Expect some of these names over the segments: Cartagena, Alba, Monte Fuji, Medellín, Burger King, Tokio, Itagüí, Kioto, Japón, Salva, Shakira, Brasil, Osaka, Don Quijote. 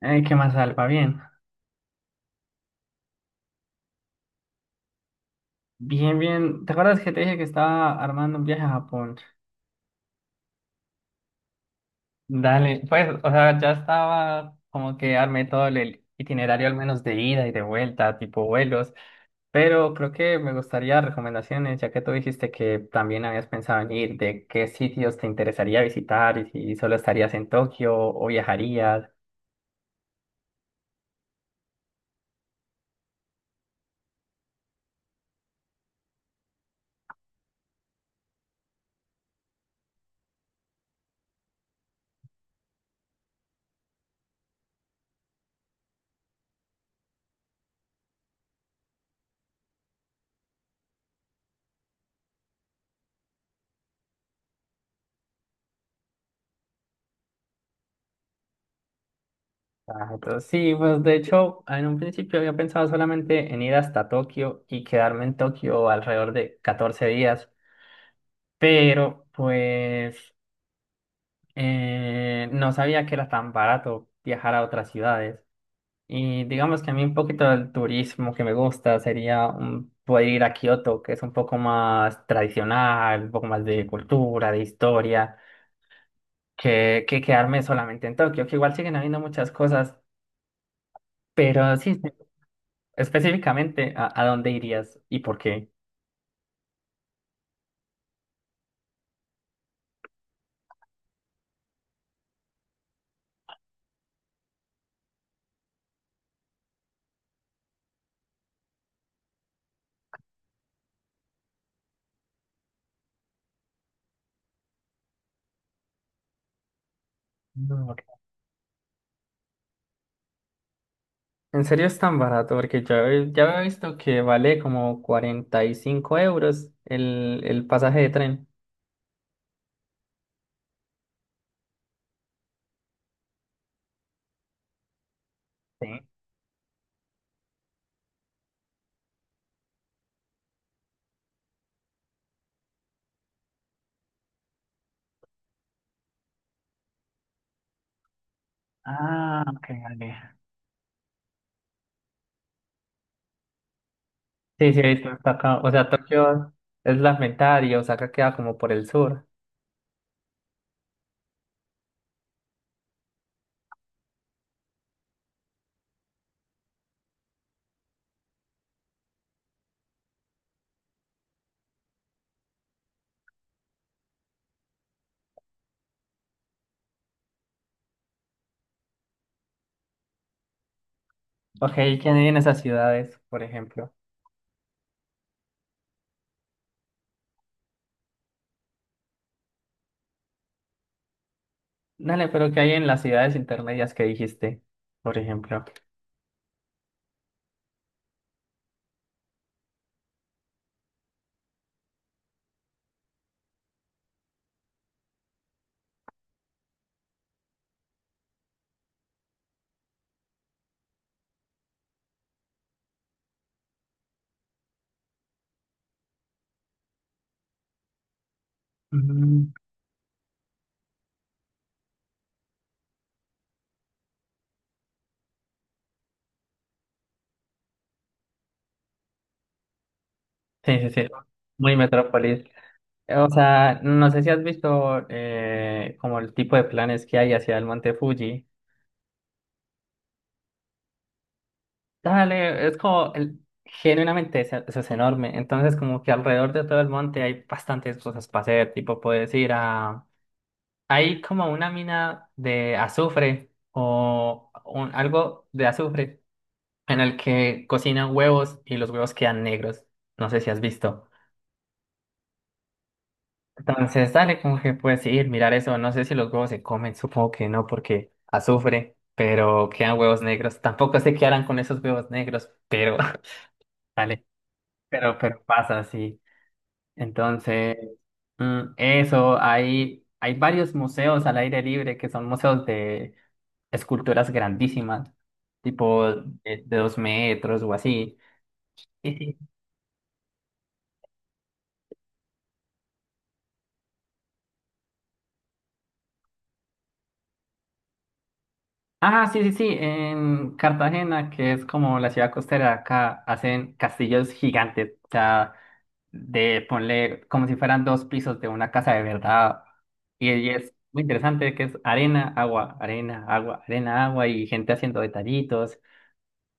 ¿Qué más, Alba? Bien, bien, bien. ¿Te acuerdas que te dije que estaba armando un viaje a Japón? Dale, pues, o sea, ya estaba como que armé todo el itinerario al menos de ida y de vuelta, tipo vuelos, pero creo que me gustaría recomendaciones, ya que tú dijiste que también habías pensado en ir, de qué sitios te interesaría visitar y si solo estarías en Tokio o viajarías. Ah, entonces, sí, pues de hecho, en un principio había pensado solamente en ir hasta Tokio y quedarme en Tokio alrededor de 14 días. Pero pues no sabía que era tan barato viajar a otras ciudades. Y digamos que a mí un poquito del turismo que me gusta sería poder ir a Kioto, que es un poco más tradicional, un poco más de cultura, de historia, que quedarme solamente en Tokio, que igual siguen habiendo muchas cosas, pero sí, sí, específicamente, a dónde irías y por qué? En serio es tan barato, porque yo ya había visto que vale como 45 euros el pasaje de tren. Sí. Ah, ok, vale. Sí, sí, he visto hasta acá. O sea, Tokio es la mitad y Osaka queda como por el sur. Ok, ¿qué hay en esas ciudades, por ejemplo? Dale, pero ¿qué hay en las ciudades intermedias que dijiste, por ejemplo? Mm. Sí, sí, sí, muy metrópolis. O sea, no sé si has visto como el tipo de planes que hay hacia el Monte Fuji. Dale, es como genuinamente es, eso es enorme. Entonces, como que alrededor de todo el monte hay bastantes cosas para hacer. Tipo, puedes ir a. Hay como una mina de azufre o algo de azufre en el que cocinan huevos y los huevos quedan negros. No sé si has visto. Entonces, dale, como que puedes ir, mirar eso. No sé si los huevos se comen, supongo que no, porque azufre, pero quedan huevos negros. Tampoco sé qué harán con esos huevos negros, pero. Dale. Pero pasa, sí. Entonces, eso, hay varios museos al aire libre que son museos de esculturas grandísimas, tipo de 2 metros o así. Y sí. Ah, sí, sí, sí, en Cartagena, que es como la ciudad costera de acá, hacen castillos gigantes, o sea, de ponle como si fueran dos pisos de una casa de verdad. Y es muy interesante que es arena, agua, arena, agua, arena, agua y gente haciendo detallitos.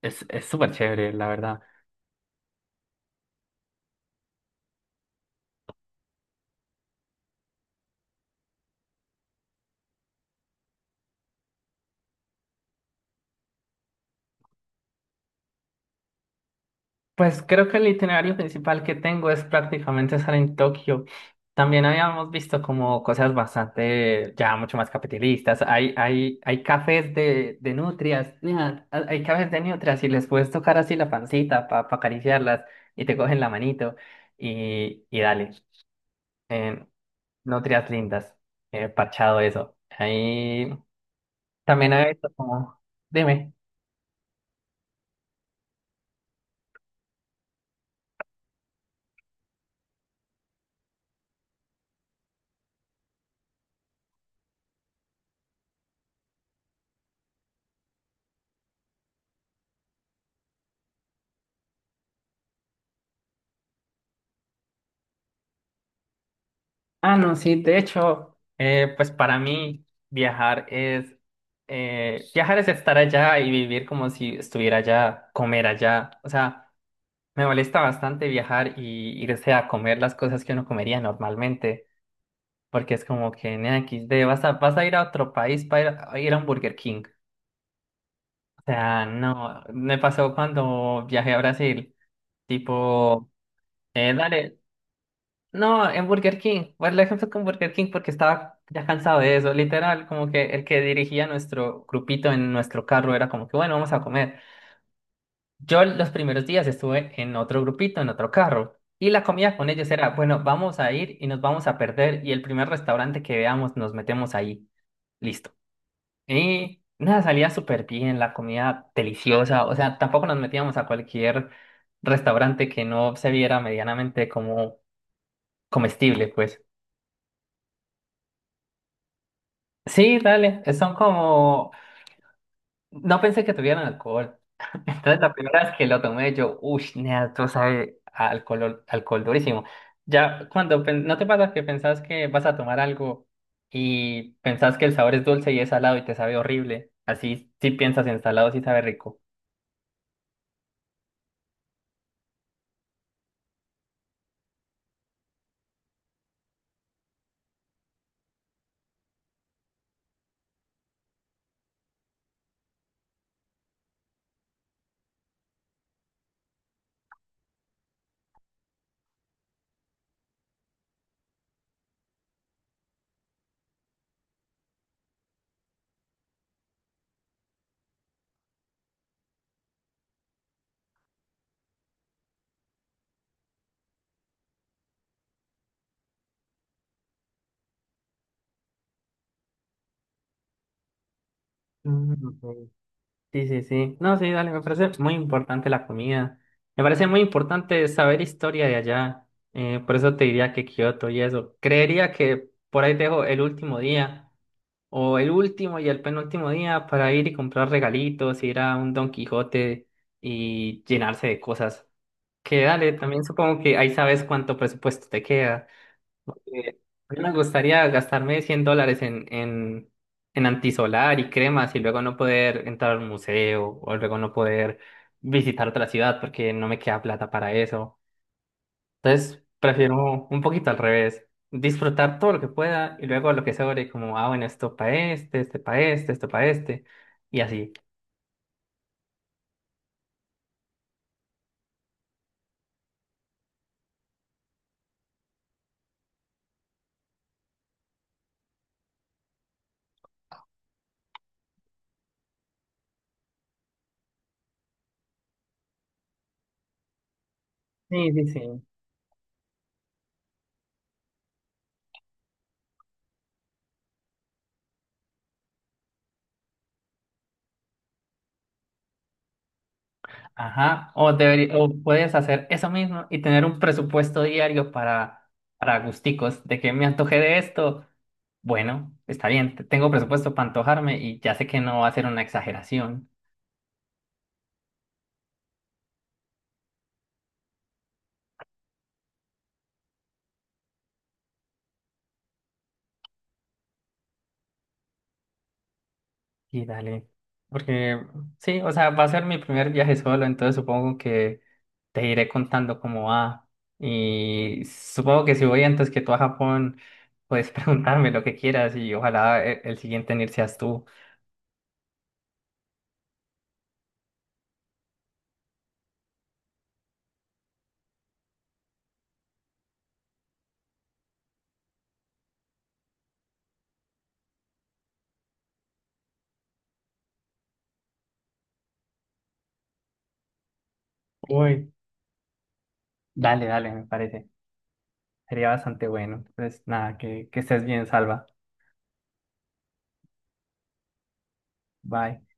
Es súper chévere, la verdad. Pues creo que el itinerario principal que tengo es prácticamente estar en Tokio. También habíamos visto como cosas bastante, ya mucho más capitalistas. Hay cafés de nutrias, mira, hay cafés de nutrias y les puedes tocar así la pancita para acariciarlas y te cogen la manito y dale. Eh, nutrias lindas, parchado eso. Ahí también hay visto como, dime. Ah, no, sí, de hecho, pues para mí viajar es estar allá y vivir como si estuviera allá, comer allá. O sea, me molesta bastante viajar y irse a comer las cosas que uno comería normalmente, porque es como que en XD vas a ir a otro país para ir ir a un Burger King. O sea, no, me pasó cuando viajé a Brasil, tipo, dale. No, en Burger King. Bueno, el ejemplo con Burger King porque estaba ya cansado de eso. Literal, como que el que dirigía nuestro grupito en nuestro carro era como que, bueno, vamos a comer. Yo los primeros días estuve en otro grupito, en otro carro. Y la comida con ellos era, bueno, vamos a ir y nos vamos a perder. Y el primer restaurante que veamos nos metemos ahí. Listo. Y nada, salía súper bien, la comida deliciosa. O sea, tampoco nos metíamos a cualquier restaurante que no se viera medianamente como comestible, pues. Sí, dale, son como... No pensé que tuvieran alcohol. Entonces la primera vez que lo tomé yo, uy, nea, tú sabe a alcohol, alcohol durísimo. Ya cuando no te pasa que pensás que vas a tomar algo y pensás que el sabor es dulce y es salado y te sabe horrible. Así, si piensas en salado, sí sabe rico. Mm, ok. Sí, sí, sí. No, sí, dale, me parece muy importante la comida. Me parece muy importante saber historia de allá. Por eso te diría que Kioto y eso. Creería que por ahí dejo el último día o el último y el penúltimo día para ir y comprar regalitos, ir a un Don Quijote y llenarse de cosas. Que dale, también supongo que ahí sabes cuánto presupuesto te queda. Eh, a mí me gustaría gastarme $100 en antisolar y cremas y luego no poder entrar al museo o luego no poder visitar otra ciudad porque no me queda plata para eso. Entonces, prefiero un poquito al revés, disfrutar todo lo que pueda y luego lo que sobre, como, ah, bueno, esto para este, este para este, esto para este y así. Sí, sí, sí. Ajá, o puedes hacer eso mismo y tener un presupuesto diario para, gusticos, de que me antoje de esto. Bueno, está bien, tengo presupuesto para antojarme y ya sé que no va a ser una exageración. Y dale, porque sí, o sea, va a ser mi primer viaje solo, entonces supongo que te iré contando cómo va. Y supongo que si voy antes que tú a Japón, puedes preguntarme lo que quieras y ojalá el siguiente en ir seas tú. Uy. Dale, dale, me parece. Sería bastante bueno. Entonces, nada, que estés bien, Salva. Bye.